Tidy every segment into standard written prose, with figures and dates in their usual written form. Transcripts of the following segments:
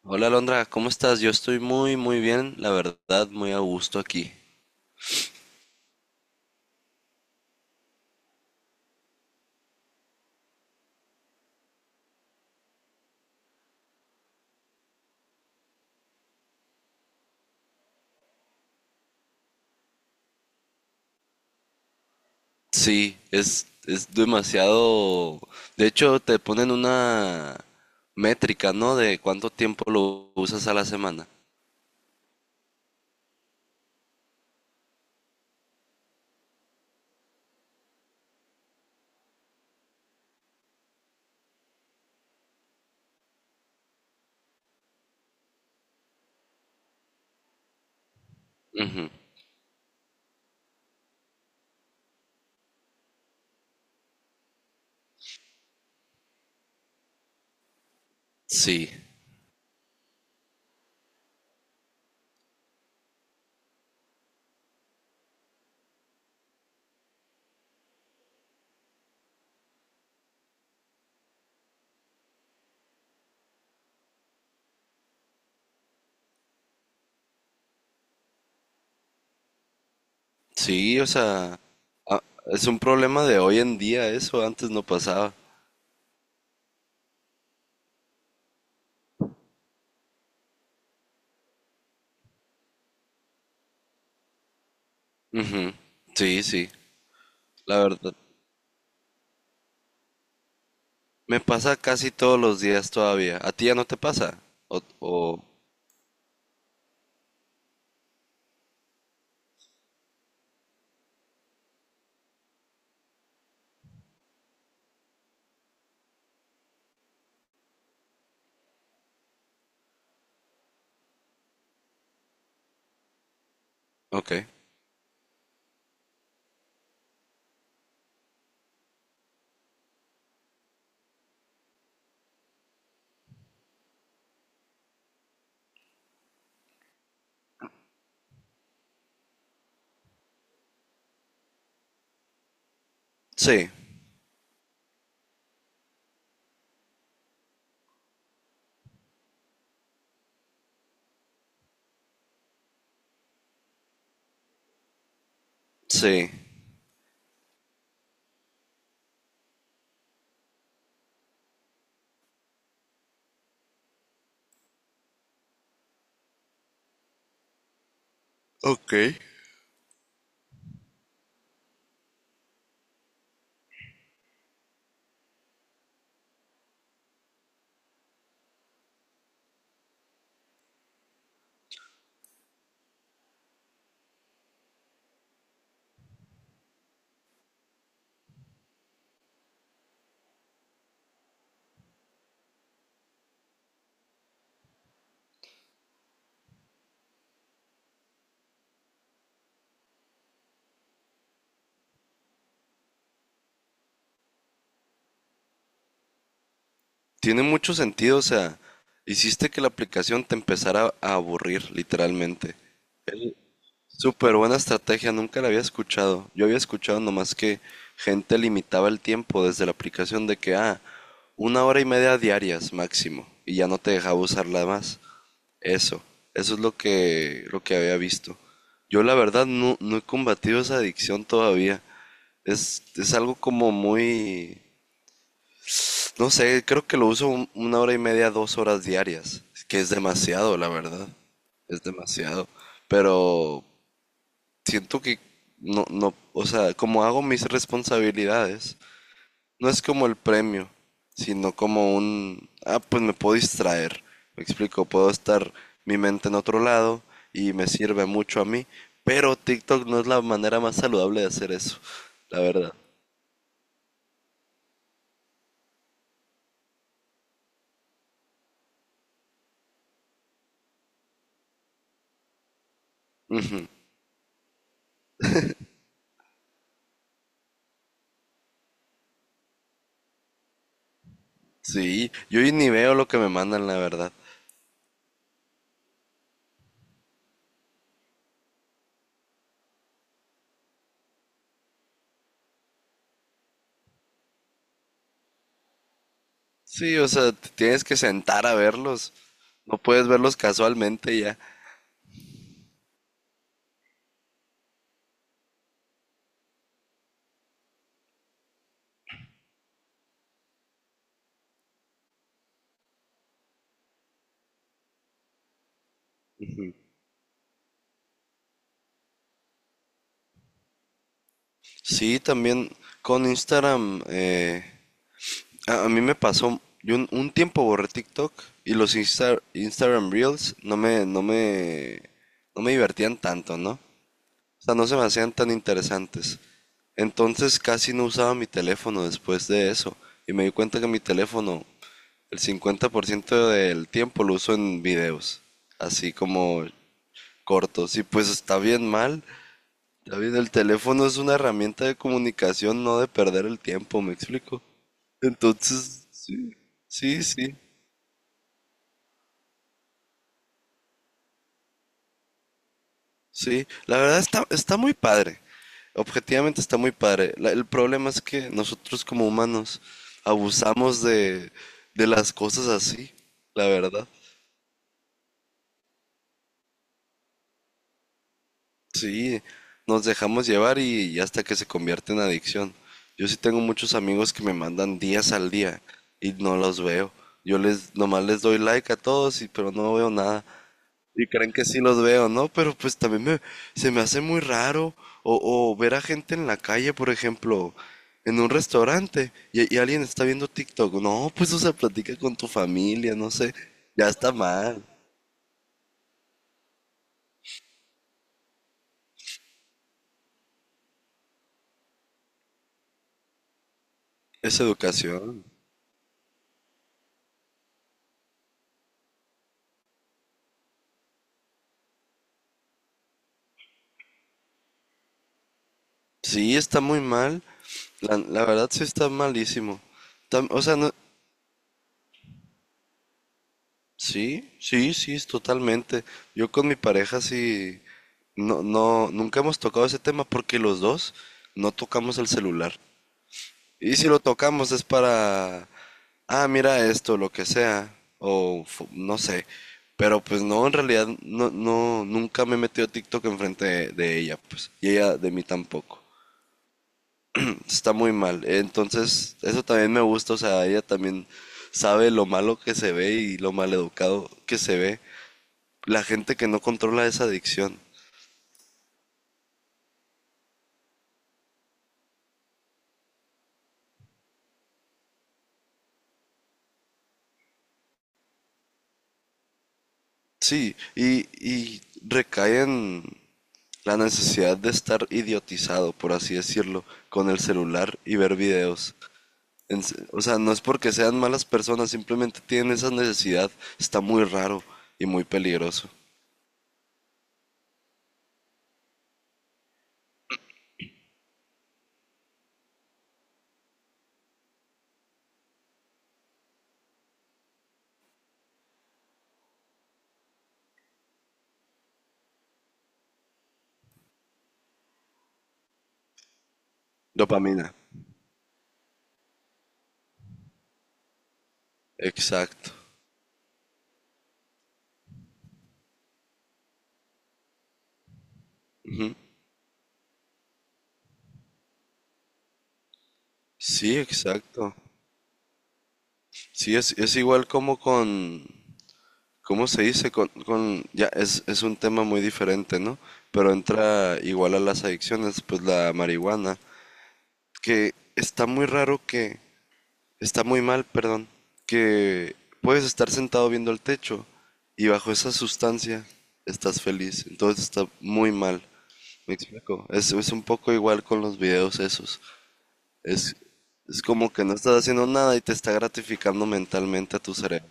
Hola Alondra, ¿cómo estás? Yo estoy muy muy bien, la verdad, muy a gusto aquí. Sí, es demasiado. De hecho, te ponen una métrica, ¿no? De cuánto tiempo lo usas a la semana. Ujú. Sí, sí, o sea, es un problema de hoy en día, eso antes no pasaba. Ujú. Sí, sí, la verdad. Me pasa casi todos los días todavía. ¿A ti ya no te pasa? O, o... Ok. Sí, sí. Ok. Tiene mucho sentido, o sea, hiciste que la aplicación te empezara a aburrir, literalmente. Es súper buena estrategia, nunca la había escuchado. Yo había escuchado nomás que gente limitaba el tiempo desde la aplicación de que, una hora y media diarias máximo, y ya no te dejaba usarla más. Eso, eso es lo que había visto. Yo la verdad no, no he combatido esa adicción todavía. Es algo como muy, no sé, creo que lo uso una hora y media, dos horas diarias, que es demasiado, la verdad. Es demasiado. Pero siento que no, no, o sea, como hago mis responsabilidades, no es como el premio, sino como un, pues me puedo distraer. Me explico, puedo estar mi mente en otro lado y me sirve mucho a mí, pero TikTok no es la manera más saludable de hacer eso, la verdad. Ujú. Sí, yo ni veo lo que me mandan, la verdad. Sí, o sea, te tienes que sentar a verlos. No puedes verlos casualmente ya. Sí, también con Instagram, a mí me pasó, yo un tiempo borré TikTok y los Instagram Reels no me, no me, no me divertían tanto, ¿no? O sea, no se me hacían tan interesantes. Entonces casi no usaba mi teléfono después de eso. Y me di cuenta que mi teléfono, el 50% del tiempo lo uso en videos. Así como cortos. Y pues está bien mal. David, el teléfono es una herramienta de comunicación, no de perder el tiempo, ¿me explico? Entonces, sí, sí, sí, sí. La verdad está, está muy padre. Objetivamente está muy padre. El problema es que nosotros como humanos abusamos de las cosas así, la verdad. Sí, nos dejamos llevar y hasta que se convierte en adicción. Yo sí tengo muchos amigos que me mandan días al día y no los veo. Yo les nomás les doy like a todos y pero no veo nada. Y creen que sí los veo, ¿no? Pero pues también se me hace muy raro o ver a gente en la calle, por ejemplo, en un restaurante y alguien está viendo TikTok. No, pues o sea, platica con tu familia, no sé. Ya está mal. Es educación. Sí, está muy mal. La verdad sí está malísimo. O sea, no, sí, sí, sí, es totalmente. Yo con mi pareja sí, no, no, nunca hemos tocado ese tema porque los dos no tocamos el celular. Y si lo tocamos es para, mira esto, lo que sea, o no sé. Pero pues no, en realidad no, no, nunca me he metido a TikTok enfrente de ella, pues. Y ella de mí tampoco. Está muy mal. Entonces, eso también me gusta, o sea, ella también sabe lo malo que se ve y lo maleducado que se ve la gente que no controla esa adicción. Sí, y recae en la necesidad de estar idiotizado, por así decirlo, con el celular y ver videos. O sea, no es porque sean malas personas, simplemente tienen esa necesidad. Está muy raro y muy peligroso. Dopamina. Exacto. Ujú. Sí, exacto. Sí, es igual como con, ¿cómo se dice? Con, ya, es un tema muy diferente, ¿no? Pero entra igual a las adicciones, pues la marihuana, que está muy raro que, está muy mal, perdón, que puedes estar sentado viendo el techo y bajo esa sustancia estás feliz, entonces está muy mal. Me explico. Es un poco igual con los videos esos. Es, es como que no estás haciendo nada y te está gratificando mentalmente a tu cerebro.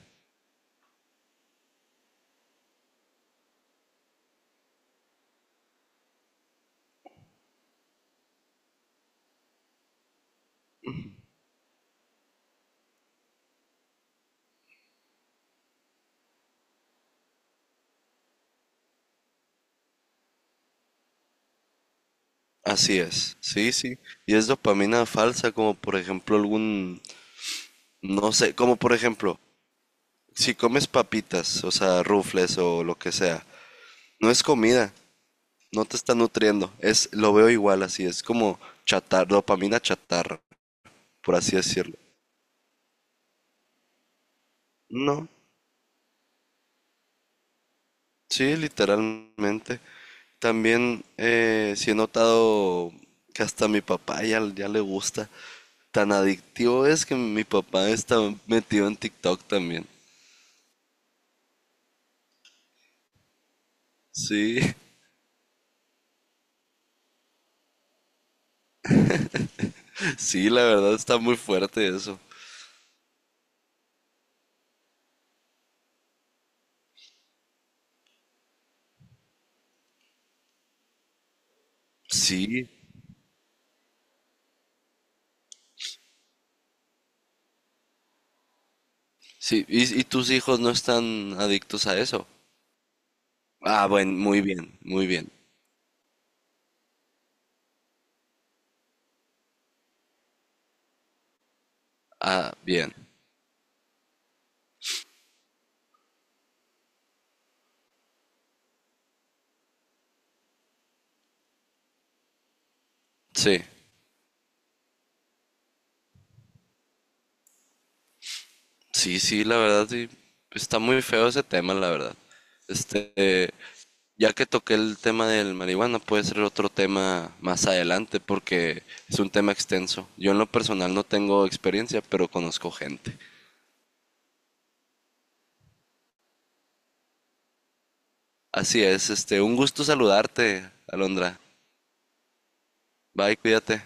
Así es, sí, sí. Y es dopamina falsa, como por ejemplo algún, no sé, como por ejemplo, si comes papitas, o sea, rufles o lo que sea, no es comida, no te está nutriendo, es, lo veo igual así, es como dopamina chatarra, por así decirlo. No, sí, literalmente. También sí he notado que hasta a mi papá ya, ya le gusta. Tan adictivo es que mi papá está metido en TikTok también. Sí. Sí, la verdad está muy fuerte eso. Sí, sí. Y tus hijos no están adictos a eso? Ah, bueno, muy bien, muy bien. Ah, bien. Sí, sí, sí, la verdad, sí. Está muy feo ese tema, la verdad. Este, ya que toqué el tema del marihuana, puede ser otro tema más adelante porque es un tema extenso. Yo en lo personal no tengo experiencia, pero conozco gente. Así es, este, un gusto saludarte, Alondra. Bye, cuídate.